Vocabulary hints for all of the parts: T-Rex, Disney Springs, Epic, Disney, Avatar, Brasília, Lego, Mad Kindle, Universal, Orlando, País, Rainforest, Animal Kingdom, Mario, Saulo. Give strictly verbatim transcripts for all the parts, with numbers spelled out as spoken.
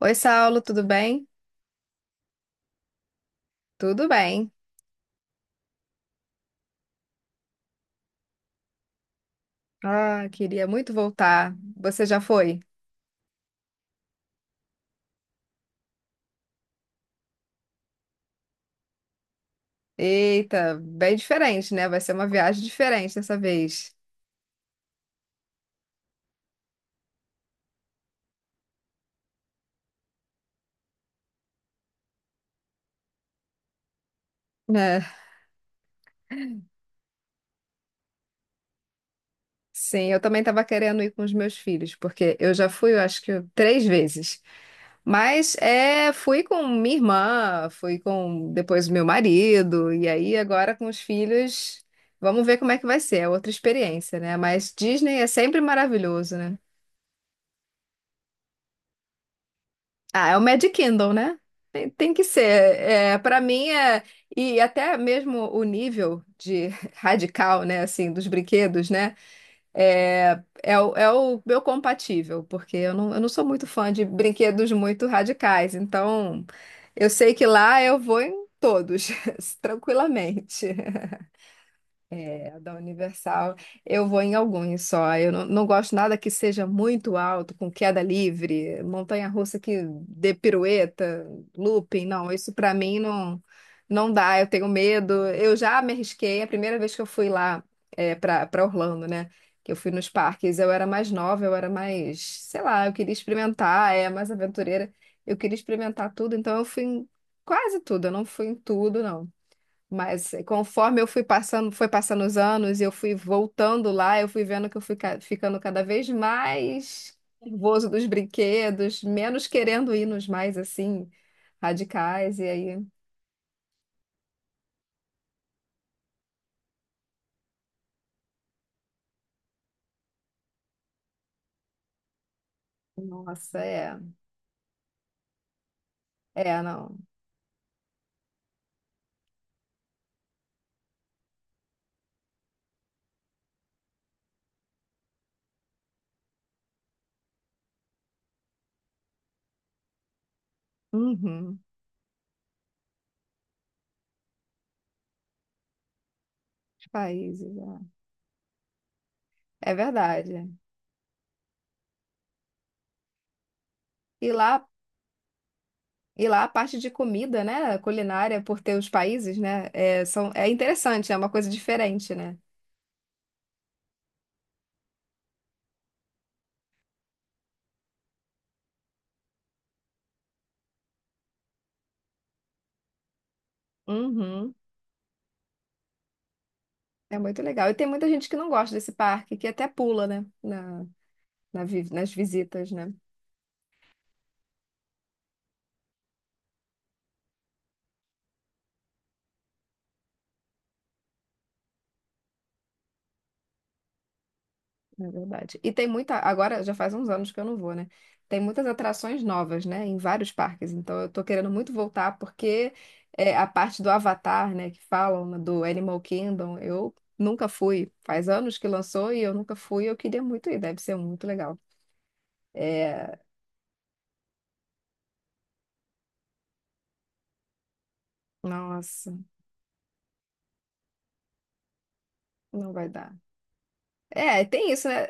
Oi, Saulo, tudo bem? Tudo bem. Ah, queria muito voltar. Você já foi? Eita, bem diferente, né? Vai ser uma viagem diferente dessa vez. É, sim, eu também estava querendo ir com os meus filhos, porque eu já fui, eu acho que três vezes. Mas é, fui com minha irmã, fui com depois o meu marido, e aí agora com os filhos, vamos ver como é que vai ser. É outra experiência, né? Mas Disney é sempre maravilhoso, né? Ah, é o Mad Kindle, né? Tem, tem que ser. É, para mim é. E até mesmo o nível de radical, né? Assim, dos brinquedos, né? É, é, o, é o meu compatível, porque eu não, eu não sou muito fã de brinquedos muito radicais. Então, eu sei que lá eu vou em todos, tranquilamente. É, da Universal. Eu vou em alguns só. Eu não, não gosto nada que seja muito alto, com queda livre, montanha-russa que dê pirueta, looping. Não, isso pra mim não, não dá. Eu tenho medo. Eu já me arrisquei. A primeira vez que eu fui lá é, para para Orlando, né? Que eu fui nos parques, eu era mais nova, eu era mais, sei lá, eu queria experimentar, é mais aventureira. Eu queria experimentar tudo, então eu fui em quase tudo. Eu não fui em tudo, não. Mas eh, conforme eu fui passando, foi passando os anos e eu fui voltando lá, eu fui vendo que eu fui ca- ficando cada vez mais nervoso dos brinquedos, menos querendo ir nos mais assim radicais. E aí, nossa, é, é, não. Uhum. Os Países, é. É verdade. E lá, e lá a parte de comida, né, culinária, por ter os países, né, é, são, é interessante, é uma coisa diferente, né? Uhum. É muito legal. E tem muita gente que não gosta desse parque, que até pula, né? Na, na vi- nas visitas, né? Na verdade. E tem muita. Agora já faz uns anos que eu não vou, né? Tem muitas atrações novas, né? Em vários parques. Então eu tô querendo muito voltar, porque é, a parte do Avatar, né? Que falam né, do Animal Kingdom, eu nunca fui. Faz anos que lançou e eu nunca fui. Eu queria muito ir, deve ser muito legal. É, nossa, não vai dar. É, tem isso, né?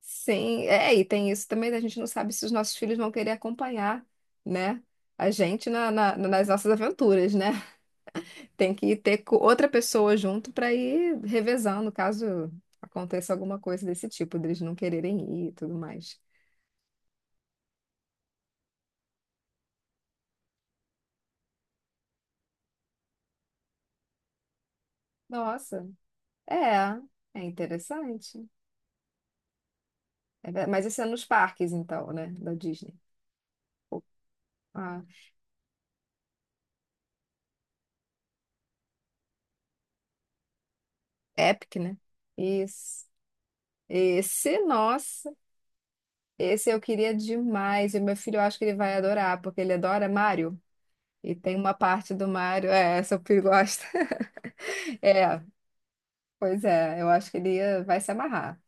Sim, é, e tem isso também, né, a gente não sabe se os nossos filhos vão querer acompanhar, né, a gente na, na- nas nossas aventuras, né? Tem que ter co- outra pessoa junto para ir revezando, caso aconteça alguma coisa desse tipo, deles não quererem ir e tudo mais. Nossa, é, é interessante. É ver- mas isso é nos parques, então, né, da Disney. Ah, Epic, né? Isso. Esse, nossa. Esse eu queria demais. E o meu filho, eu acho que ele vai adorar, porque ele adora Mario. E tem uma parte do Mario, é, essa o Pi gosta. É, pois é, eu acho que ele ia- vai se amarrar.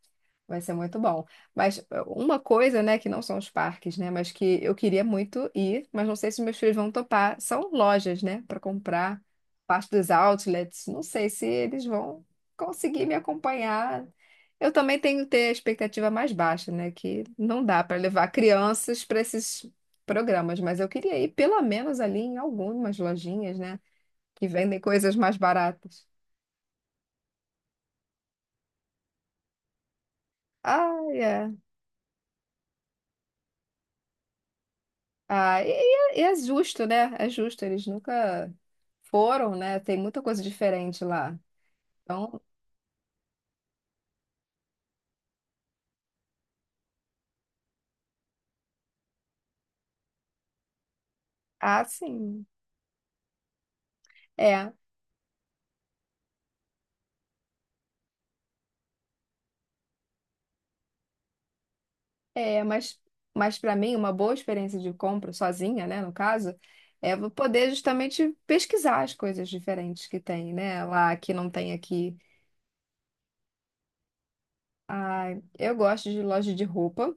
Vai ser muito bom. Mas é, uma coisa, né, que não são os parques, né, mas que eu queria muito ir, mas não sei se meus filhos vão topar, são lojas, né, para comprar parte dos outlets. Não sei se eles vão conseguir me acompanhar. Eu também tenho que ter a expectativa mais baixa, né, que não dá para levar crianças para esses programas, mas eu queria ir pelo menos ali em algumas lojinhas, né? que vendem coisas mais baratas. Ah, é. Ah, e, e é e é justo, né? É justo, eles nunca foram, né? Tem muita coisa diferente lá. Então, ah, sim. É, é, mas, mas para mim, uma boa experiência de compra, sozinha, né, no caso, é eu poder justamente pesquisar as coisas diferentes que tem, né? Lá que não tem aqui. Ah, eu gosto de loja de roupa.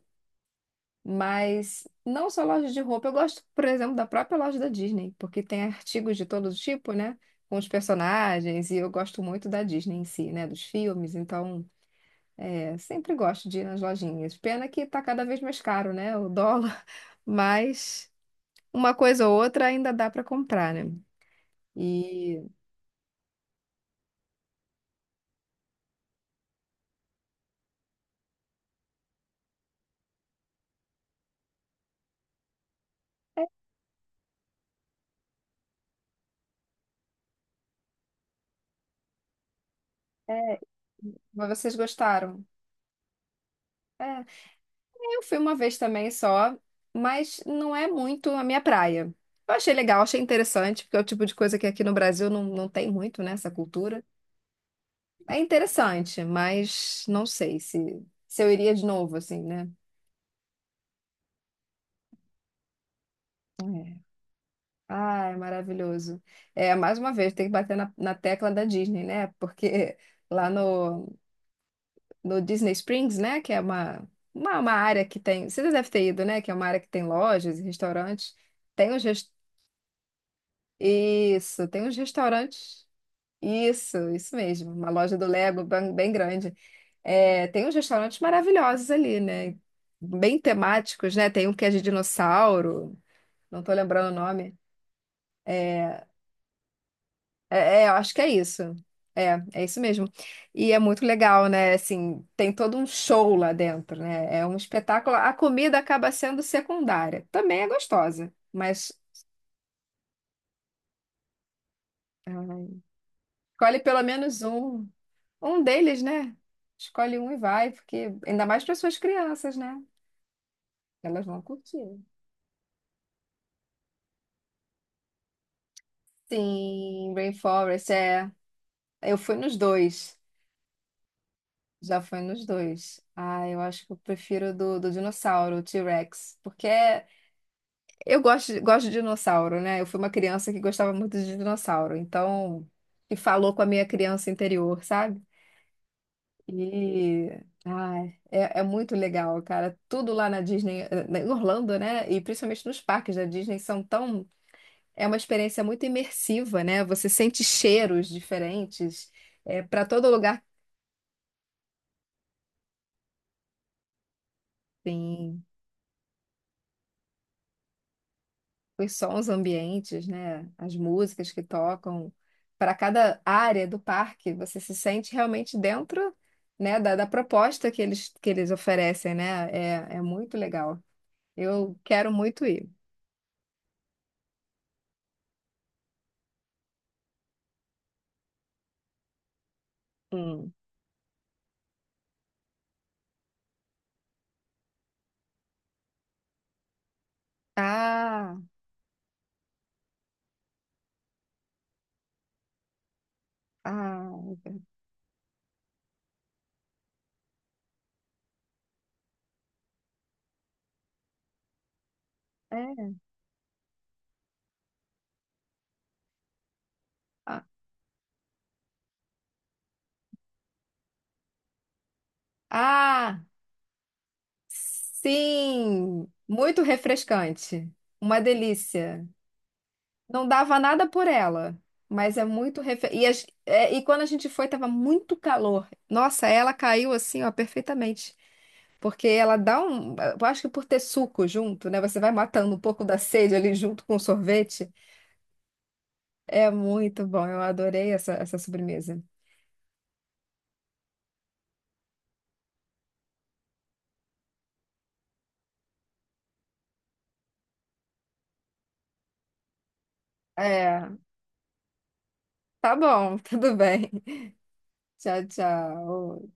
Mas não só loja de roupa, eu gosto, por exemplo, da própria loja da Disney, porque tem artigos de todo tipo, né? Com os personagens, e eu gosto muito da Disney em si, né? Dos filmes, então é, sempre gosto de ir nas lojinhas. Pena que tá cada vez mais caro, né? O dólar, mas uma coisa ou outra ainda dá para comprar, né? E é, mas vocês gostaram? É. Eu fui uma vez também só, mas não é muito a minha praia. Eu achei legal, achei interessante, porque é o tipo de coisa que aqui no Brasil não, não tem muito, né, essa cultura. É interessante, mas não sei se, se eu iria de novo, assim, né? É. Ah, é maravilhoso. É, mais uma vez, tem que bater na, na tecla da Disney, né? Porque lá no, no Disney Springs, né, que é uma, uma, uma área que tem... Você deve ter ido, né? Que é uma área que tem lojas e restaurantes. Tem os, res- Isso, tem uns restaurantes. Isso, isso mesmo. Uma loja do Lego bem, bem grande. É, tem uns restaurantes maravilhosos ali, né? Bem temáticos, né? Tem um que é de dinossauro, não tô lembrando o nome. É, é, é, eu acho que é isso. É, é isso mesmo. E é muito legal, né? Assim, tem todo um show lá dentro, né? É um espetáculo. A comida acaba sendo secundária. Também é gostosa, mas ai, escolhe pelo menos um. Um deles, né? Escolhe um e vai, porque ainda mais para suas crianças, né? Elas vão curtir. Sim, Rainforest, é. Eu fui nos dois. Já fui nos dois. Ah, eu acho que eu prefiro do, do dinossauro, o T-Rex. Porque é- eu gosto, de- gosto de dinossauro, né? Eu fui uma criança que gostava muito de dinossauro. Então, que falou com a minha criança interior, sabe? E, ai, é, é muito legal, cara. Tudo lá na Disney, eh, em Orlando, né? E principalmente nos parques da Disney são tão. É uma experiência muito imersiva, né? Você sente cheiros diferentes, é, para todo lugar tem os sons ambientes, né? As músicas que tocam. Para cada área do parque, você se sente realmente dentro, né? Da, da proposta que eles, que eles oferecem, né? É, é muito legal. Eu quero muito ir. Hum. Ah. Ah, é. Ah, ah, sim! Muito refrescante. Uma delícia. Não dava nada por ela, mas é muito refrescante. E, as- é, e quando a gente foi, tava muito calor. Nossa, ela caiu assim, ó, perfeitamente. Porque ela dá um. Eu acho que por ter suco junto, né? Você vai matando um pouco da sede ali junto com o sorvete. É muito bom. Eu adorei essa, essa sobremesa. É, tá bom, tudo bem. Tchau, tchau.